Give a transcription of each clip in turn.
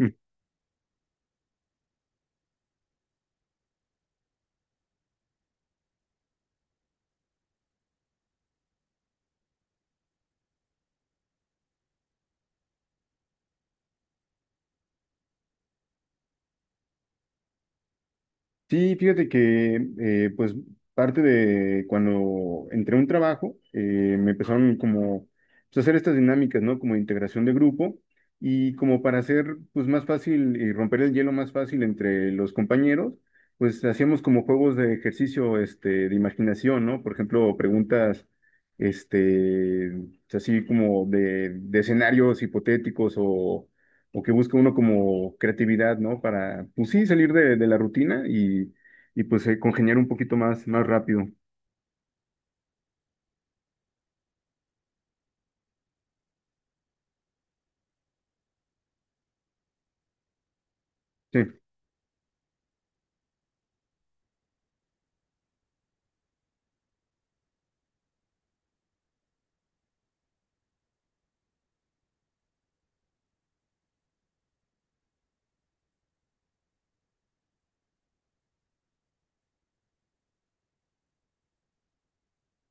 Mm. Sí, fíjate que pues parte de cuando entré a un trabajo, me empezaron como pues, a hacer estas dinámicas, ¿no? Como de integración de grupo y como para hacer pues más fácil y romper el hielo más fácil entre los compañeros, pues hacíamos como juegos de ejercicio este, de imaginación, ¿no? Por ejemplo, preguntas este, así como de escenarios hipotéticos o que busca uno como creatividad, ¿no? Para, pues sí, salir de la rutina y pues congeniar un poquito más, más rápido. Sí.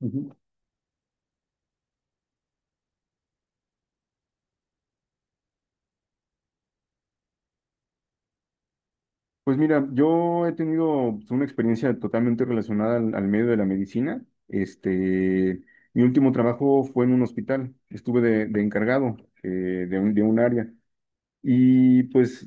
Ujú. Pues mira, yo he tenido pues, una experiencia totalmente relacionada al medio de la medicina. Este, mi último trabajo fue en un hospital. Estuve de encargado de un área. Y pues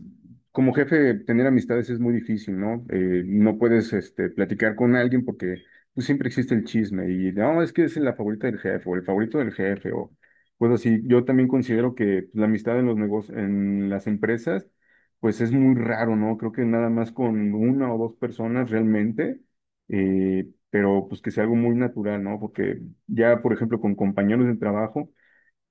como jefe, tener amistades es muy difícil, ¿no? No puedes este, platicar con alguien porque pues, siempre existe el chisme y no, es que es la favorita del jefe o el favorito del jefe o pues así. Yo también considero que pues, la amistad en los negocios, en las empresas, pues es muy raro, ¿no? Creo que nada más con una o dos personas realmente, pero pues que sea algo muy natural, ¿no? Porque ya, por ejemplo, con compañeros de trabajo.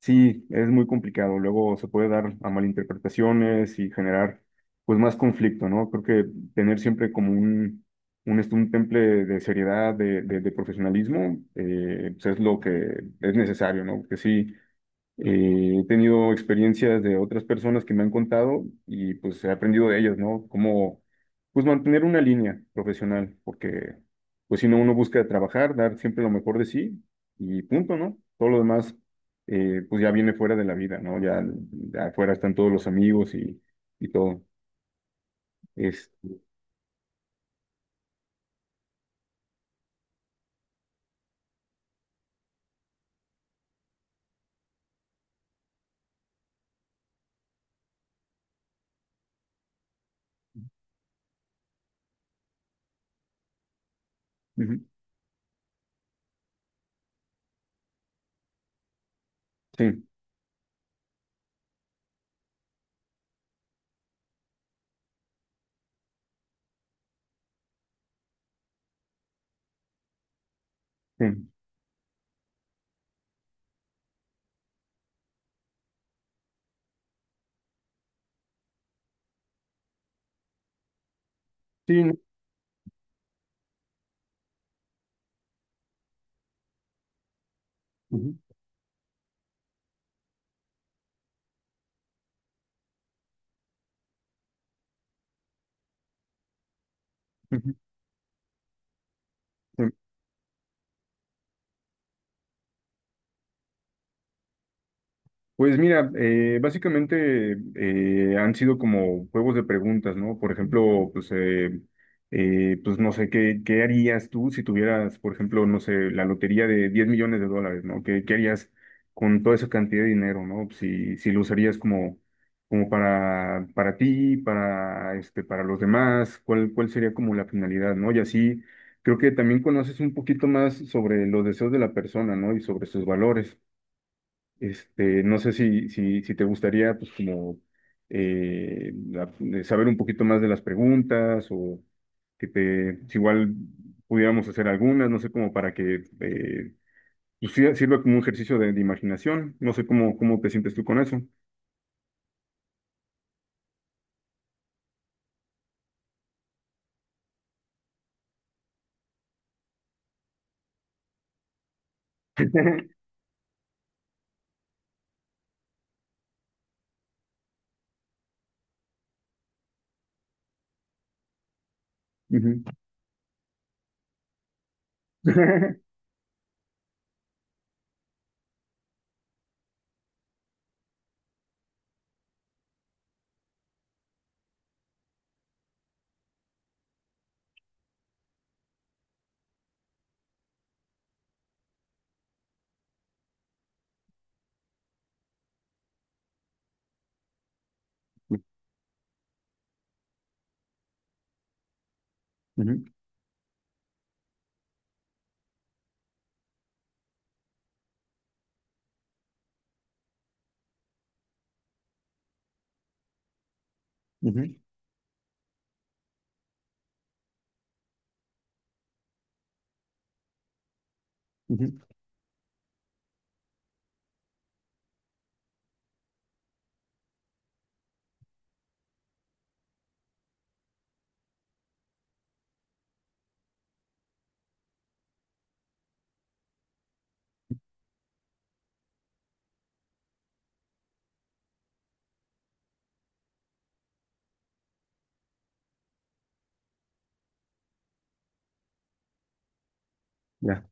Sí, es muy complicado. Luego se puede dar a malinterpretaciones y generar pues más conflicto, ¿no? Creo que tener siempre como un temple de seriedad, de profesionalismo, pues es lo que es necesario, ¿no? Que sí, he tenido experiencias de otras personas que me han contado y pues he aprendido de ellas, ¿no? Cómo pues mantener una línea profesional, porque pues si no uno busca trabajar, dar siempre lo mejor de sí y punto, ¿no? Todo lo demás pues ya viene fuera de la vida, ¿no? Ya, ya afuera están todos los amigos y todo. Es, ujú, sí, sí, sí, no, ujú, ujú, sí. Pues mira, básicamente han sido como juegos de preguntas, ¿no? Por ejemplo, pues, pues no sé, ¿qué harías tú si tuvieras, por ejemplo, no sé, la lotería de $10 millones, ¿no? ¿Qué harías con toda esa cantidad de dinero, ¿no? Si lo usarías como para ti, para los demás, ¿cuál sería como la finalidad, ¿no? Y así creo que también conoces un poquito más sobre los deseos de la persona, ¿no? Y sobre sus valores. Este, no sé si te gustaría, pues, como saber un poquito más de las preguntas o que te, si igual pudiéramos hacer algunas, no sé, como para que pues, sirva como un ejercicio de imaginación. No sé cómo te sientes tú con eso. Ujú. Ujú, ujú, ujú. Ya,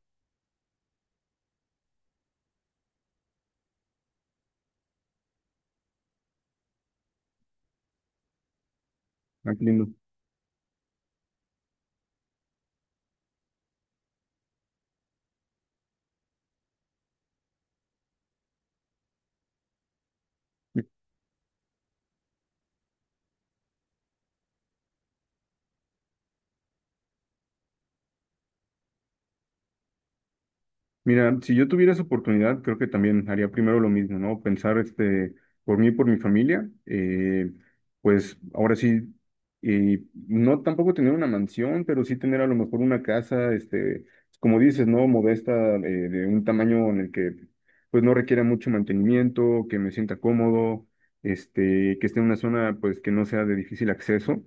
ah, qué lindo. Mira, si yo tuviera esa oportunidad, creo que también haría primero lo mismo, ¿no? Pensar, este, por mí y por mi familia, pues ahora sí, y no tampoco tener una mansión, pero sí tener a lo mejor una casa, este, como dices, ¿no? Modesta, de un tamaño en el que, pues, no requiera mucho mantenimiento, que me sienta cómodo, este, que esté en una zona, pues, que no sea de difícil acceso.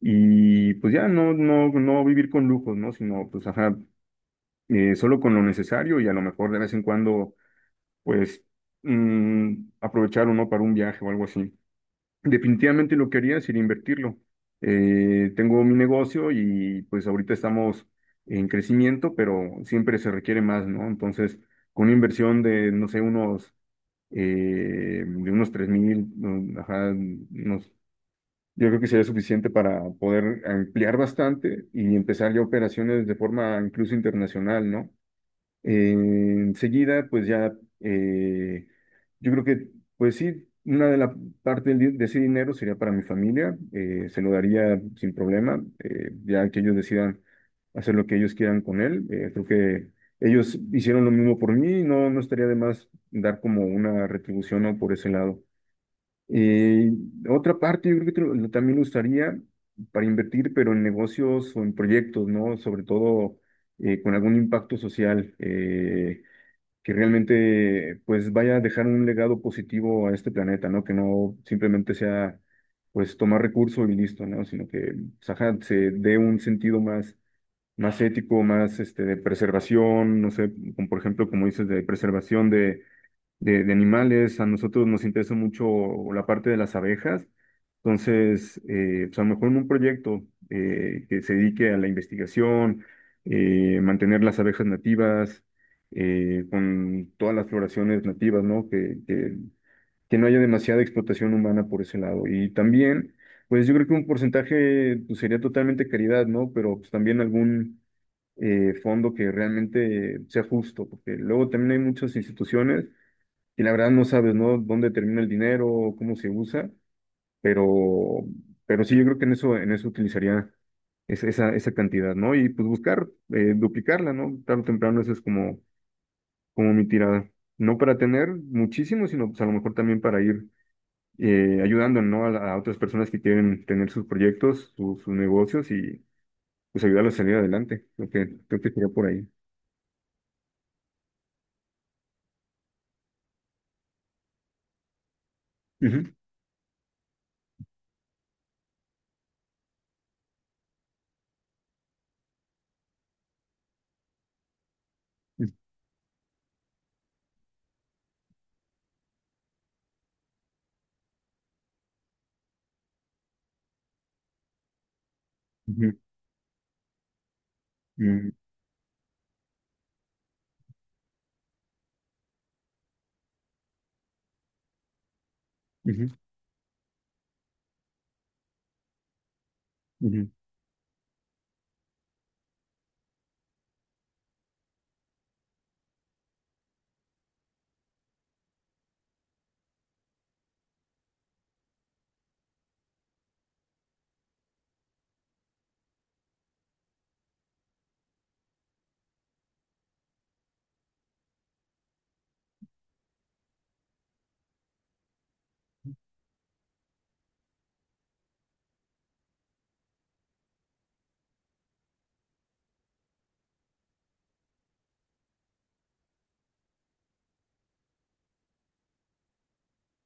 Y pues ya no, no, no vivir con lujos, ¿no? Sino, pues, ajá solo con lo necesario y a lo mejor de vez en cuando, pues, aprovechar uno para un viaje o algo así. Definitivamente lo que haría sería invertirlo. Tengo mi negocio y pues ahorita estamos en crecimiento, pero siempre se requiere más, ¿no? Entonces, con una inversión de, no sé, unos, de unos 3,000, ajá, unos... Yo creo que sería suficiente para poder ampliar bastante y empezar ya operaciones de forma incluso internacional, ¿no? Enseguida, pues ya, eh, yo creo que, pues sí, una de la parte de ese dinero sería para mi familia, se lo daría sin problema, ya que ellos decidan hacer lo que ellos quieran con él. Creo que ellos hicieron lo mismo por mí, no, no estaría de más dar como una retribución, ¿no? Por ese lado. Eh, otra parte, yo creo que también lo usaría para invertir, pero en negocios o en proyectos, ¿no? Sobre todo con algún impacto social que realmente pues vaya a dejar un legado positivo a este planeta, ¿no? Que no simplemente sea pues tomar recursos y listo, ¿no? Sino que pues, ajá, se dé un sentido más, más ético, más este, de preservación, no sé, como por ejemplo, como dices, de preservación de animales. A nosotros nos interesa mucho la parte de las abejas. Entonces, pues a lo mejor en un proyecto que se dedique a la investigación, mantener las abejas nativas, con todas las floraciones nativas, ¿no? Que no haya demasiada explotación humana por ese lado. Y también, pues yo creo que un porcentaje pues, sería totalmente caridad, ¿no? Pero pues también algún fondo que realmente sea justo, porque luego también hay muchas instituciones y la verdad no sabes, ¿no? Dónde termina el dinero, cómo se usa, pero, pero sí, yo creo que en eso, utilizaría esa cantidad, ¿no? Y pues buscar, duplicarla, ¿no? Tarde o temprano eso es como mi tirada. No para tener muchísimo, sino pues a lo mejor también para ir ayudando, ¿no? A otras personas que quieren tener sus proyectos, sus negocios y pues ayudarlos a salir adelante. Creo que sería por ahí. Ujú, ujú, ujú, ujú, ujú,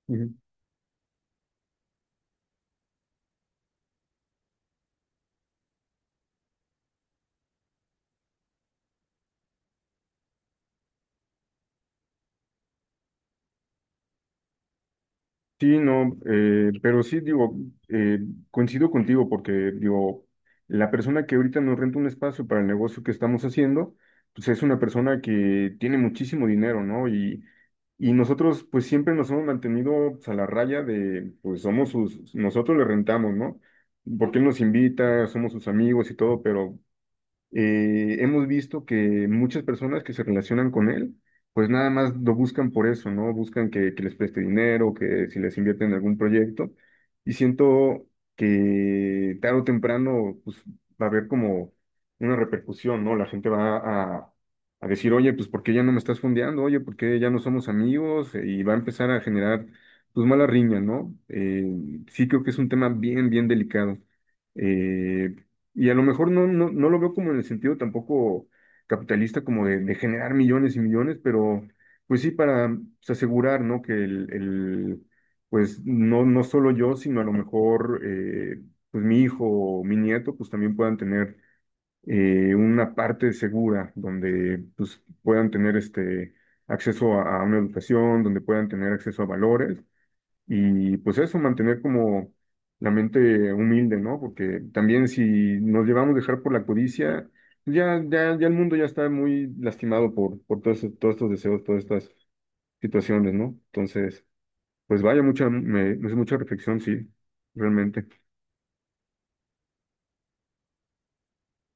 ujú. Sí, no, pero sí, digo, eh, coincido contigo porque, digo, la persona que ahorita nos renta un espacio para el negocio que estamos haciendo, pues es una persona que tiene muchísimo dinero, ¿no? Y nosotros, pues siempre nos hemos mantenido pues, a la raya de, pues somos sus, nosotros le rentamos, ¿no? Porque él nos invita, somos sus amigos y todo, pero hemos visto que muchas personas que se relacionan con él, pues nada más lo buscan por eso, ¿no? Buscan que les preste dinero, que si les invierten en algún proyecto. Y siento que tarde o temprano, pues va a haber como una repercusión, ¿no? La gente va a decir, oye, pues ¿por qué ya no me estás fondeando? Oye, ¿por qué ya no somos amigos? Y va a empezar a generar, pues, mala riña, ¿no? Sí creo que es un tema bien, bien delicado. Eh, y a lo mejor no, no, no lo veo como en el sentido tampoco capitalista, como de generar millones y millones, pero pues sí para pues, asegurar, ¿no? Que pues no, no solo yo, sino a lo mejor pues mi hijo o mi nieto, pues también puedan tener una parte segura donde pues puedan tener este acceso a una educación, donde puedan tener acceso a valores y pues eso, mantener como la mente humilde, ¿no? Porque también si nos llevamos a dejar por la codicia, pues, ya, ya, ya el mundo ya está muy lastimado por todos, todos estos deseos, todas estas situaciones, ¿no? Entonces, pues vaya, es mucha reflexión, sí, realmente.